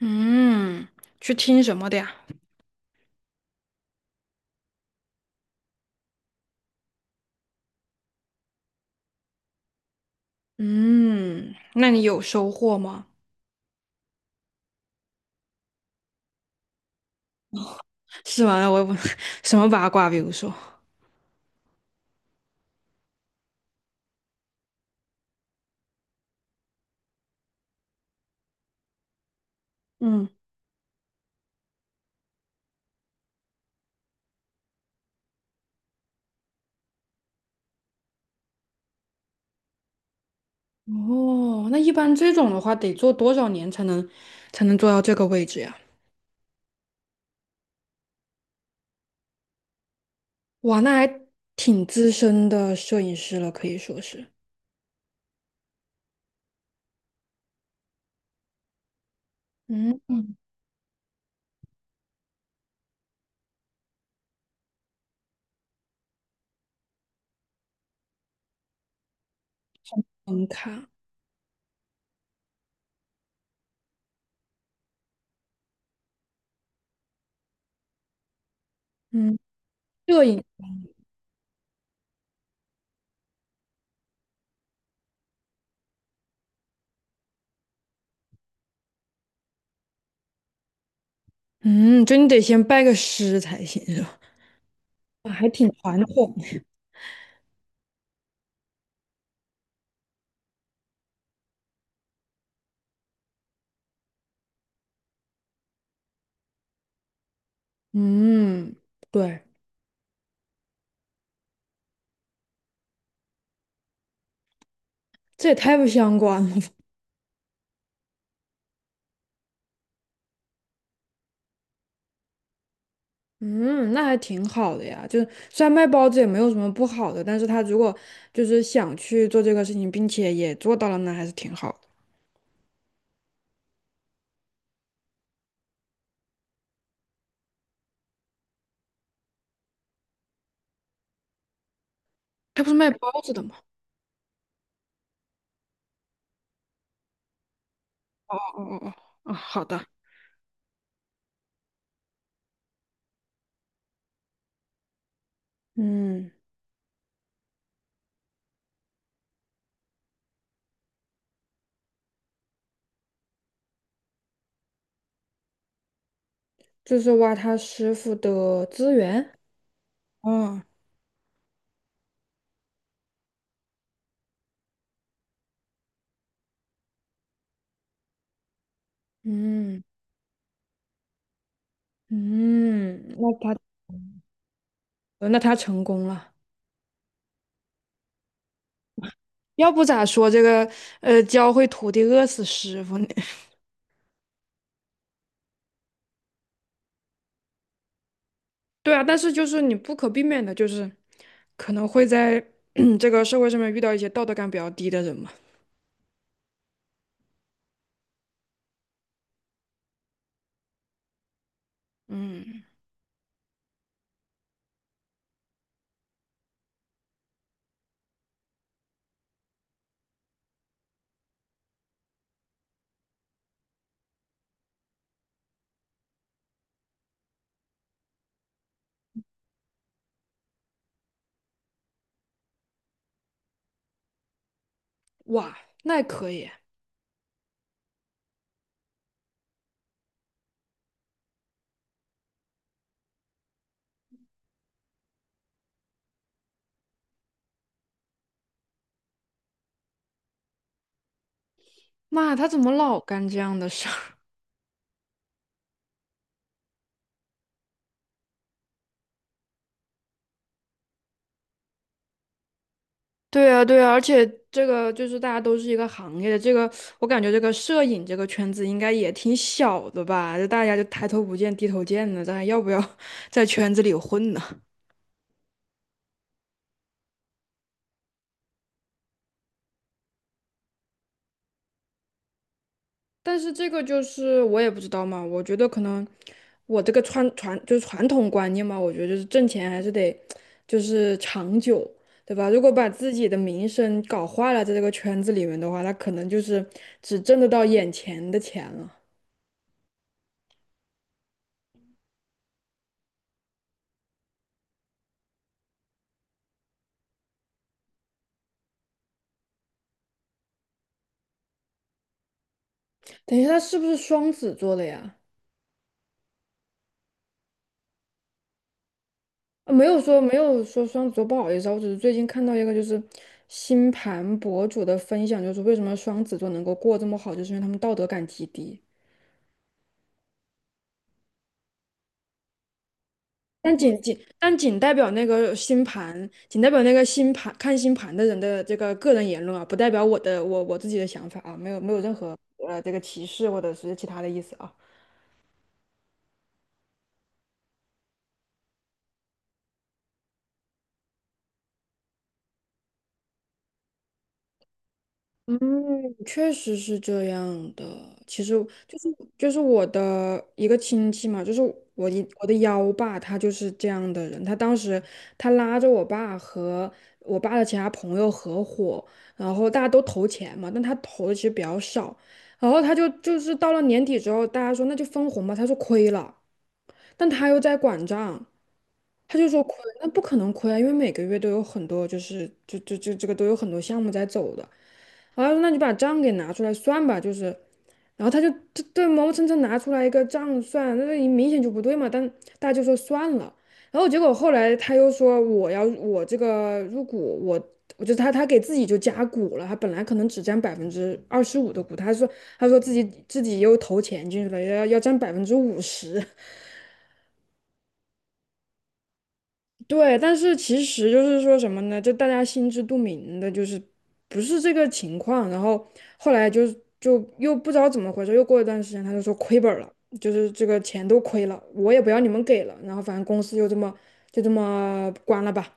嗯，去听什么的呀？嗯，那你有收获吗？是吗？我 什么八卦？比如说，嗯，哦，那一般这种的话，得做多少年才能做到这个位置呀？哇，那还挺资深的摄影师了，可以说是。嗯，嗯，门槛，嗯，摄影，嗯，就你得先拜个师才行，是吧？嗯，对，这也太不相关了。嗯，那还挺好的呀。就是虽然卖包子也没有什么不好的，但是他如果就是想去做这个事情，并且也做到了，那还是挺好的。他不是卖包子的吗？哦哦哦，哦哦，好的，嗯，就是挖他师傅的资源。嗯，嗯嗯，那他成功了。要不咋说这个教会徒弟饿死师傅呢？对啊，但是就是你不可避免的，就是可能会在 这个社会上面遇到一些道德感比较低的人嘛。嗯，哇，那也可以。妈，他怎么老干这样的事儿？对啊，对啊，而且这个就是大家都是一个行业的，这个我感觉这个摄影这个圈子应该也挺小的吧？就大家就抬头不见低头见的，咱还要不要 在圈子里混呢？但是这个就是我也不知道嘛，我觉得可能我这个就是传统观念嘛，我觉得就是挣钱还是得就是长久，对吧？如果把自己的名声搞坏了，在这个圈子里面的话，那可能就是只挣得到眼前的钱了。等一下，他是不是双子座的呀？啊没有说没有说双子座，不好意思啊，我只是最近看到一个就是星盘博主的分享，就是为什么双子座能够过这么好，就是因为他们道德感极低。但仅代表那个星盘，仅代表那个星盘看星盘的人的这个个人言论啊，不代表我自己的想法啊，没有任何这个歧视或者是其他的意思啊。嗯，确实是这样的。其实就是我的一个亲戚嘛，就是我的幺爸，他就是这样的人。他当时拉着我爸和我爸的其他朋友合伙，然后大家都投钱嘛，但他投的其实比较少。然后他就是到了年底之后，大家说那就分红吧，他说亏了。但他又在管账，他就说亏，那不可能亏啊，因为每个月都有很多，就是就就就这个都有很多项目在走的。然后他说那你把账给拿出来算吧，就是，然后他就磨磨蹭蹭拿出来一个账算，那你明显就不对嘛，但大家就说算了。然后结果后来他又说我这个入股，我我就他给自己就加股了，他本来可能只占25%的股，他说自己又投钱进去了，要占50%，对，但是其实就是说什么呢？就大家心知肚明的，就是不是这个情况。然后后来就又不知道怎么回事，又过一段时间，他就说亏本儿了，就是这个钱都亏了，我也不要你们给了。然后反正公司就这么关了吧。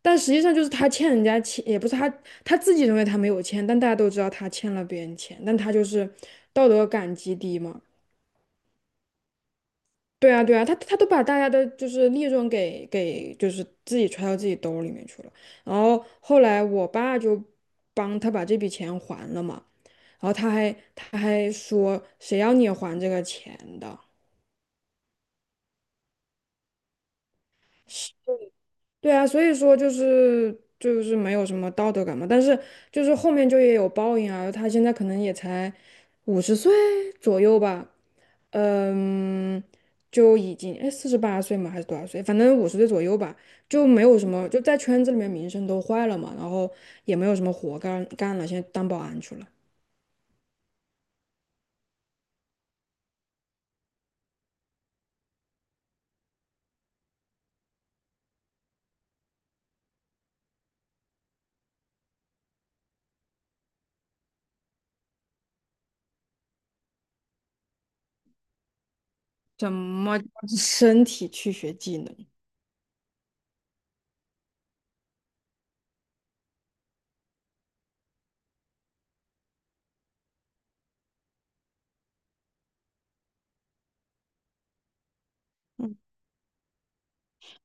但实际上就是他欠人家钱，也不是他自己认为他没有欠，但大家都知道他欠了别人钱，但他就是道德感极低嘛。对啊，对啊，他都把大家的就是利润给就是自己揣到自己兜里面去了。然后后来我爸就帮他把这笔钱还了嘛，然后他还说谁要你还这个钱的？对啊，所以说就是没有什么道德感嘛。但是就是后面就也有报应啊，他现在可能也才五十岁左右吧。嗯，就已经哎48岁嘛，还是多少岁？反正五十岁左右吧，就没有什么，就在圈子里面名声都坏了嘛，然后也没有什么活干了，现在当保安去了。怎么身体去学技能？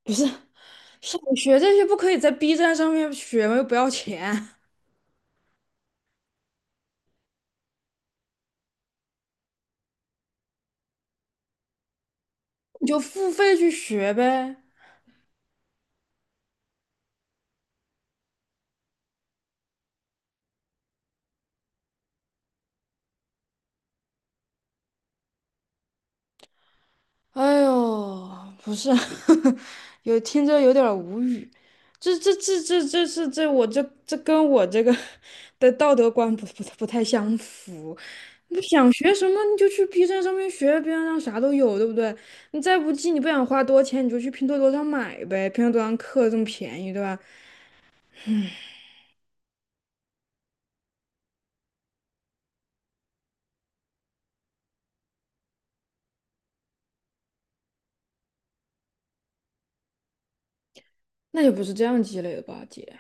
不是，想学这些不可以在 B 站上面学吗？又不要钱，你就付费去学呗。哎呦，不是，有听着有点儿无语。这这这这这是这我这这跟我这个 的道德观不太相符。你想学什么你就去 B 站上面学，B 站上啥都有，对不对？你再不济你不想花多钱，你就去拼多多上买呗，拼多多上课这么便宜，对吧？那也不是这样积累的吧，姐？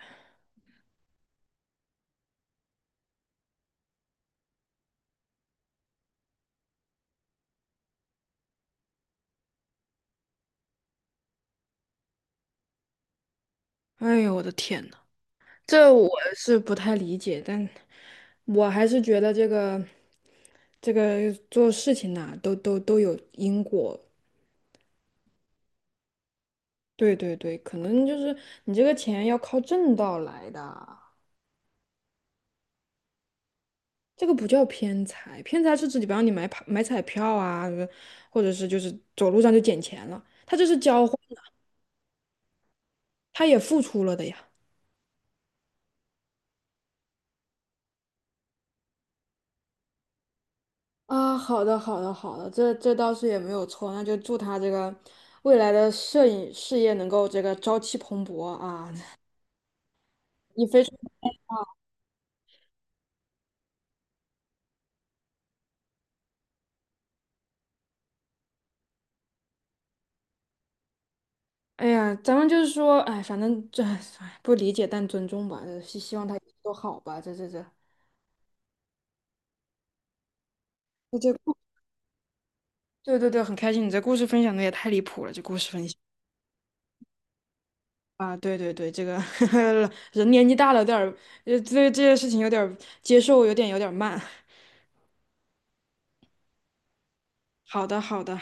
哎呦，我的天呐！这我是不太理解，但我还是觉得这个做事情呐、都有因果。对对对，可能就是你这个钱要靠正道来的，这个不叫偏财，偏财是指比方你买彩票啊，或者是就是走路上就捡钱了，他这是交换，他也付出了的呀。啊，好的，好的，好的，这倒是也没有错，那就祝他这个未来的摄影事业能够这个朝气蓬勃啊。你非常，哎呀，咱们就是说，哎，反正哎不理解但尊重吧，呃希希望他都好吧，这这故，对对对，很开心，你这故事分享的也太离谱了，这故事分享啊，对对对，这个 人年纪大了，有点儿，对这些事情有点儿接受，有点儿慢。好的，好的。